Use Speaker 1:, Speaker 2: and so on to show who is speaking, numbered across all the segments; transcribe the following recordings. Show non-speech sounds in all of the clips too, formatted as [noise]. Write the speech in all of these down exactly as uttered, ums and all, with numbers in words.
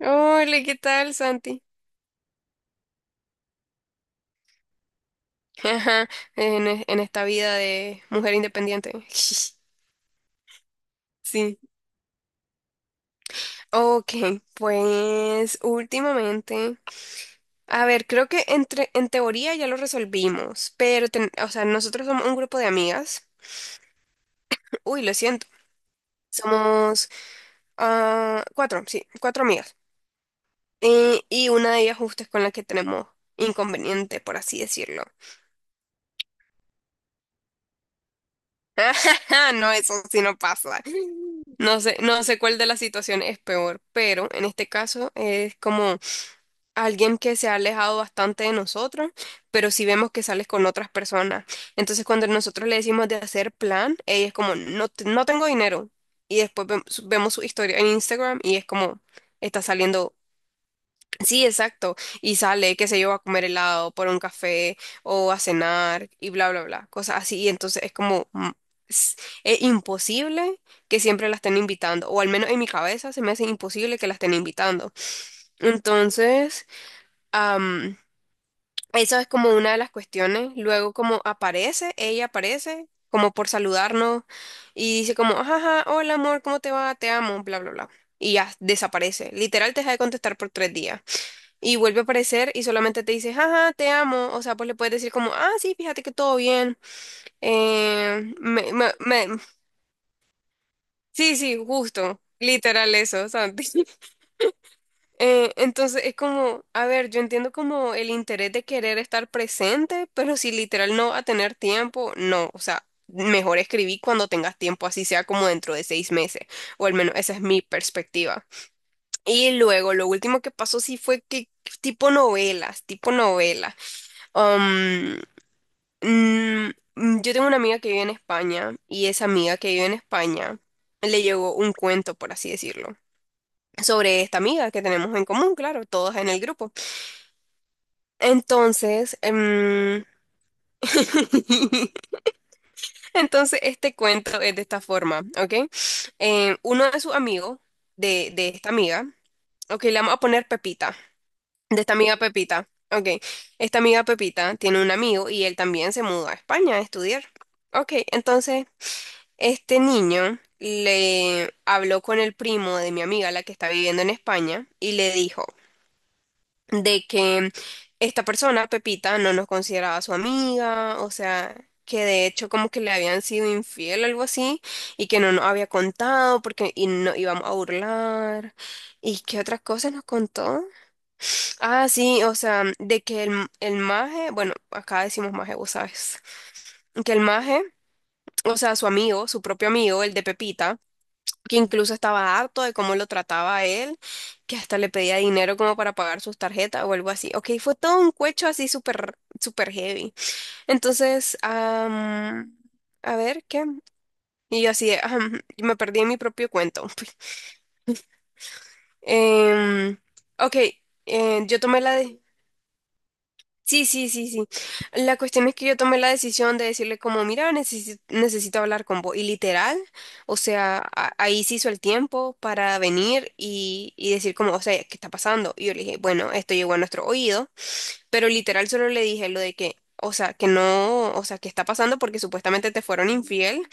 Speaker 1: Hola, ¿qué tal, Santi? [laughs] Ajá, en, e- en esta vida de mujer independiente. [laughs] Sí. Ok, pues últimamente, a ver, creo que entre, en teoría ya lo resolvimos, pero, ten- o sea, nosotros somos un grupo de amigas. [clears throat] Uy, lo siento. Somos ah, cuatro, sí, cuatro amigas. Eh, y una de ellas justo es con la que tenemos inconveniente, por así decirlo. [laughs] Ah, no, eso sí no pasa. No sé, no sé cuál de las situaciones es peor, pero en este caso es como alguien que se ha alejado bastante de nosotros, pero si vemos que sales con otras personas. Entonces cuando nosotros le decimos de hacer plan, ella es como, no, te- no tengo dinero. Y después vem- su- vemos su historia en Instagram y es como, está saliendo. Sí, exacto. Y sale, qué sé yo, a comer helado, por un café o a cenar y bla, bla, bla. Cosas así. Y entonces es como, mm, s- es imposible que siempre la estén invitando. O al menos en mi cabeza se me hace imposible que la estén invitando. Entonces, am, eso es como una de las cuestiones. Luego como aparece, ella aparece como por saludarnos y dice como, ajá, hola amor, ¿cómo te va? Te amo, bla, bla, bla. Y ya desaparece. Literal te deja de contestar por tres días y vuelve a aparecer y solamente te dice, jaja, te amo. O sea, pues le puedes decir como, ah, sí, fíjate que todo bien. Eh, me- me- me- Sí, sí, justo. Literal eso, Santi. [laughs] Eh, entonces es como, a ver, yo entiendo como el interés de querer estar presente, pero si literal no va a tener tiempo, no. O sea, mejor escribí cuando tengas tiempo, así sea como dentro de seis meses, o al menos esa es mi perspectiva. Y luego, lo último que pasó sí fue que tipo novelas, tipo novelas. Mm, mm, yo tengo una amiga que vive en España y esa amiga que vive en España le llegó un cuento, por así decirlo, sobre esta amiga que tenemos en común, claro, todas en el grupo. Entonces, em, [laughs] entonces este cuento es de esta forma, ¿ok? Em, uno de sus amigos, de, de esta amiga, ok, le vamos a poner Pepita, de esta amiga Pepita, ok, esta amiga Pepita tiene un amigo y él también se mudó a España a estudiar. Ok, entonces. Este niño le habló con el primo de mi amiga, la que está viviendo en España, y le dijo de que esta persona, Pepita, no nos consideraba su amiga, o sea, que de hecho como que le habían sido infiel o algo así, y que no nos había contado porque y no íbamos a burlar. ¿Y qué otras cosas nos contó? Ah, sí, o sea, de que el, el maje, bueno, acá decimos maje, vos sabes, que el maje, o sea, su amigo, su propio amigo, el de Pepita, que incluso estaba harto de cómo lo trataba él, que hasta le pedía dinero como para pagar sus tarjetas o algo así. Ok, fue todo un cuecho así súper, súper heavy. Entonces, am, a ver, ¿qué? Y yo así, de, "Ajam", y me perdí en mi propio cuento. [laughs] Em, ok, eh, yo tomé la decisión. Sí, sí, sí, sí. La cuestión es que yo tomé la decisión de decirle como, mira, necesi- necesito hablar con vos. Y literal, o sea, a- ahí se hizo el tiempo para venir y, y decir como, o sea, ¿qué está pasando? Y yo le dije, bueno, esto llegó a nuestro oído, pero literal solo le dije lo de que, o sea, que no, o sea, que está pasando porque supuestamente te fueron infiel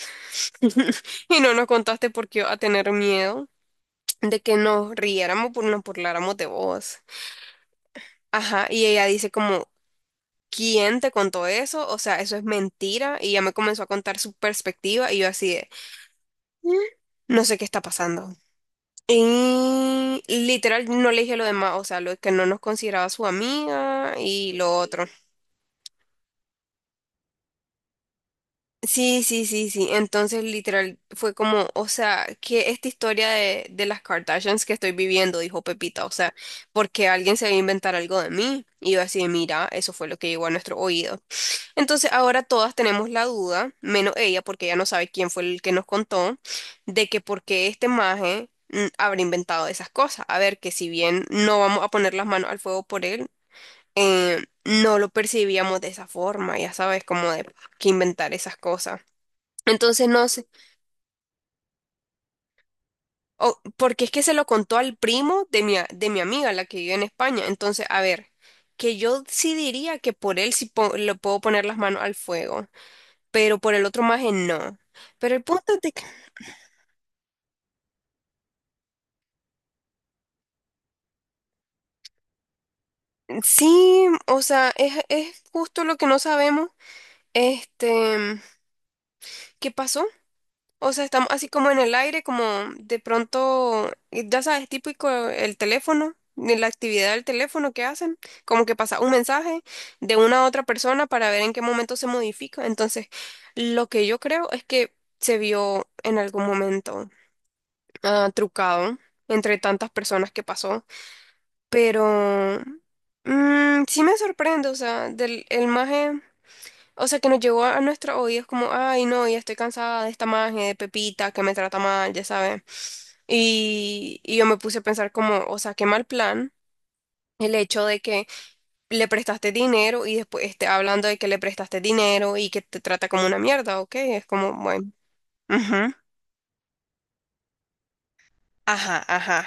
Speaker 1: [laughs] y no nos contaste porque iba a tener miedo de que nos riéramos, por, nos burláramos de vos. Ajá, y ella dice como, ¿quién te contó eso? O sea, eso es mentira. Y ya me comenzó a contar su perspectiva y yo así de, "Mm, no sé qué está pasando". Y literal no le dije lo demás, o sea, lo que no nos consideraba su amiga y lo otro. Sí, sí, sí, sí. Entonces literal fue como, o sea, que esta historia de, de las Kardashians que estoy viviendo, dijo Pepita, o sea, porque alguien se va a inventar algo de mí. Y yo así de, mira, eso fue lo que llegó a nuestro oído. Entonces ahora todas tenemos la duda, menos ella, porque ella no sabe quién fue el que nos contó, de que por qué este maje mm, habrá inventado esas cosas. A ver, que si bien no vamos a poner las manos al fuego por él, eh, no lo percibíamos de esa forma, ya sabes, como de que inventar esas cosas. Entonces no sé, o- porque es que se lo contó al primo de mi, a- de mi amiga, la que vive en España. Entonces, a ver, que yo sí diría que por él sí po- le puedo poner las manos al fuego. Pero por el otro maje no. Pero el punto es de que sí, o sea, es, es justo lo que no sabemos, este, qué pasó. O sea, estamos así como en el aire, como de pronto, ya sabes, típico el teléfono, de la actividad del teléfono que hacen, como que pasa un mensaje de una a otra persona para ver en qué momento se modifica. Entonces, lo que yo creo es que se vio en algún momento ah, trucado entre tantas personas que pasó. Pero mm, sí me sorprende, o sea, del el maje, o sea, que nos llegó a, nuestros oídos como, ay, no, ya estoy cansada de esta maje de Pepita que me trata mal, ya sabes. Y, y yo me puse a pensar como, o sea, qué mal plan el hecho de que le prestaste dinero y después esté hablando de que le prestaste dinero y que te trata como una mierda, ¿ok? Es como, bueno, ujú, ajá, ajá,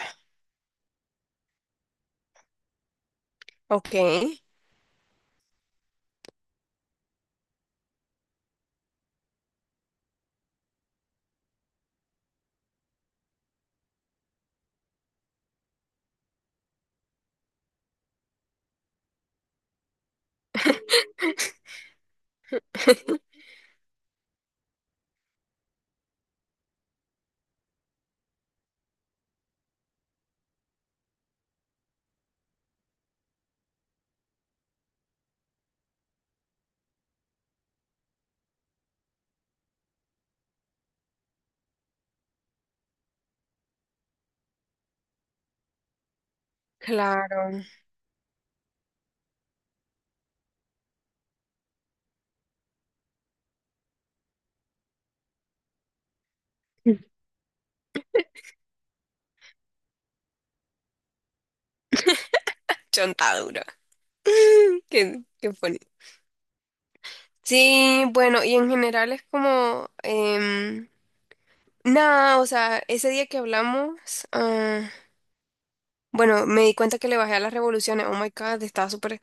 Speaker 1: ok. [laughs] Claro, chontadura. [laughs] Qué, qué funny. Sí, bueno, y en general es como, em, nada, o sea, ese día que hablamos, ah, bueno, me di cuenta que le bajé a las revoluciones, oh my God, estaba súper,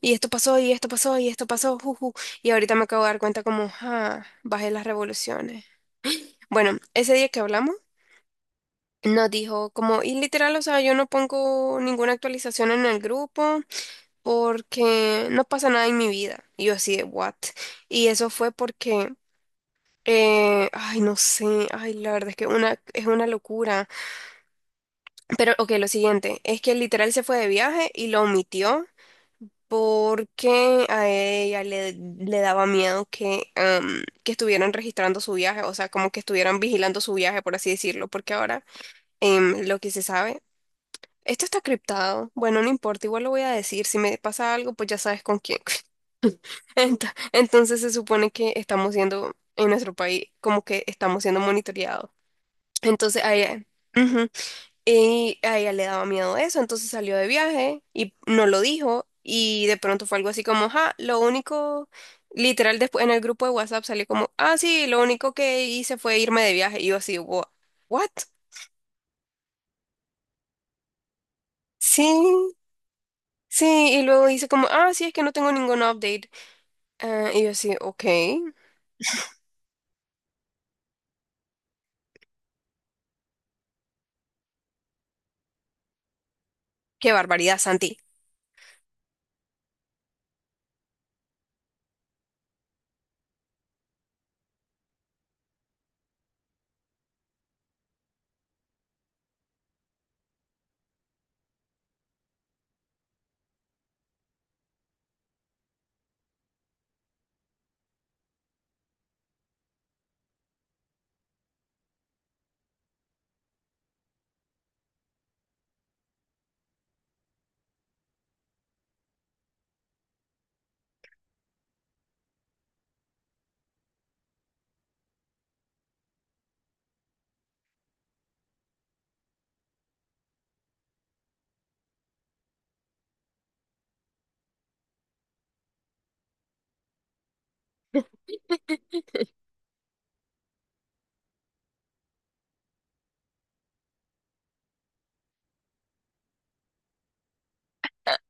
Speaker 1: y esto pasó, y esto pasó, y esto pasó, juju, y ahorita me acabo de dar cuenta como, ah, bajé las revoluciones. Bueno, ese día que hablamos, nos dijo como, y literal, o sea, yo no pongo ninguna actualización en el grupo porque no pasa nada en mi vida. Y yo así de, what? Y eso fue porque... Eh, ay, no sé, ay, la verdad es que una, es una locura. Pero, ok, lo siguiente, es que literal se fue de viaje y lo omitió porque a ella le, le daba miedo que, em, que estuvieran registrando su viaje, o sea, como que estuvieran vigilando su viaje, por así decirlo, porque ahora em, lo que se sabe, esto está criptado, bueno, no importa, igual lo voy a decir, si me pasa algo, pues ya sabes con quién. [laughs] Ento- Entonces se supone que estamos siendo, en nuestro país, como que estamos siendo monitoreados. Entonces a ella, ujú, y a ella le daba miedo eso, entonces salió de viaje y no lo dijo y de pronto fue algo así como, ja, lo único, literal después en el grupo de WhatsApp salió como, ah, sí, lo único que hice fue irme de viaje y yo así, "Wha- what?" Sí, sí, y luego dice como, ah, sí, es que no tengo ningún update. Ah, y yo así, ok, qué barbaridad, Santi.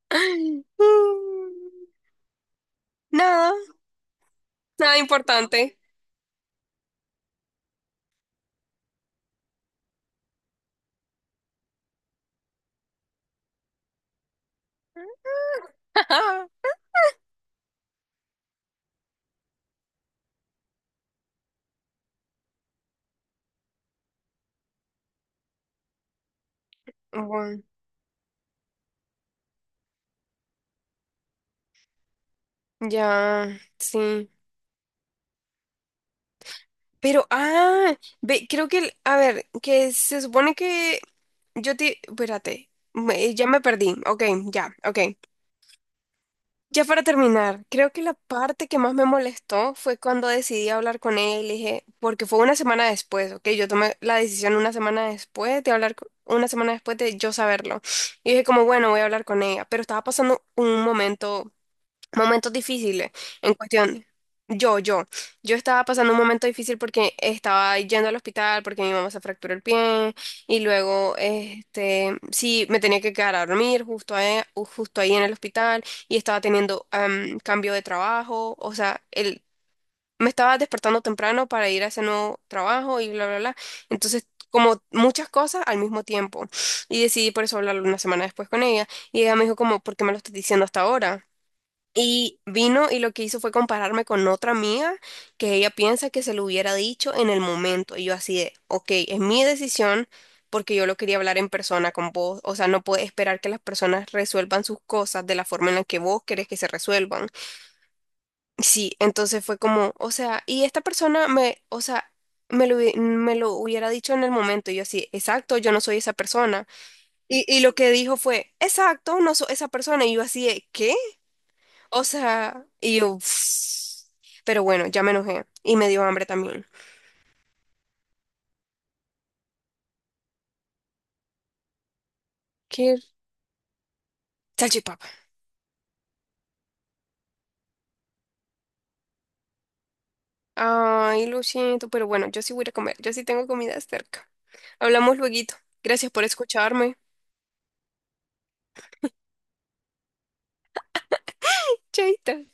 Speaker 1: [laughs] Nada, nada importante. [laughs] Bueno, ya, sí. Pero, ah, ve, creo que, el- a ver, que se supone que yo te, espérate, me- ya me perdí. Ok, ya, ok. Ya para terminar, creo que la parte que más me molestó fue cuando decidí hablar con él, le dije, porque fue una semana después, ¿ok? Yo tomé la decisión una semana después de hablar, co- una semana después de yo saberlo. Y dije como, bueno, voy a hablar con ella, pero estaba pasando un momento. Momentos difíciles en cuestión. Yo, yo, yo estaba pasando un momento difícil porque estaba yendo al hospital porque mi mamá se fracturó el pie y luego, este, sí, me tenía que quedar a dormir justo ahí, u- justo ahí en el hospital y estaba teniendo am, cambio de trabajo, o sea, el, me estaba despertando temprano para ir a ese nuevo trabajo y bla, bla, bla. Entonces, como muchas cosas al mismo tiempo y decidí por eso hablarlo una semana después con ella y ella me dijo como, ¿por qué me lo estás diciendo hasta ahora? Y vino y lo que hizo fue compararme con otra amiga que ella piensa que se lo hubiera dicho en el momento. Y yo así de, ok, es mi decisión porque yo lo quería hablar en persona con vos. O sea, no puedes esperar que las personas resuelvan sus cosas de la forma en la que vos querés que se resuelvan. Sí, entonces fue como, o sea, y esta persona me, o sea, me lo, hubi- me lo hubiera dicho en el momento. Y yo así, exacto, yo no soy esa persona. Y, y lo que dijo fue, exacto, no soy esa persona. Y yo así de, ¿qué? O sea, y yo, "Uf". Pero bueno, ya me enojé y me dio hambre también. ¿Qué? Salchipapa. Ay, lo siento, pero bueno, yo sí voy a ir a comer, yo sí tengo comida cerca. Hablamos lueguito. Gracias por escucharme. Chaita.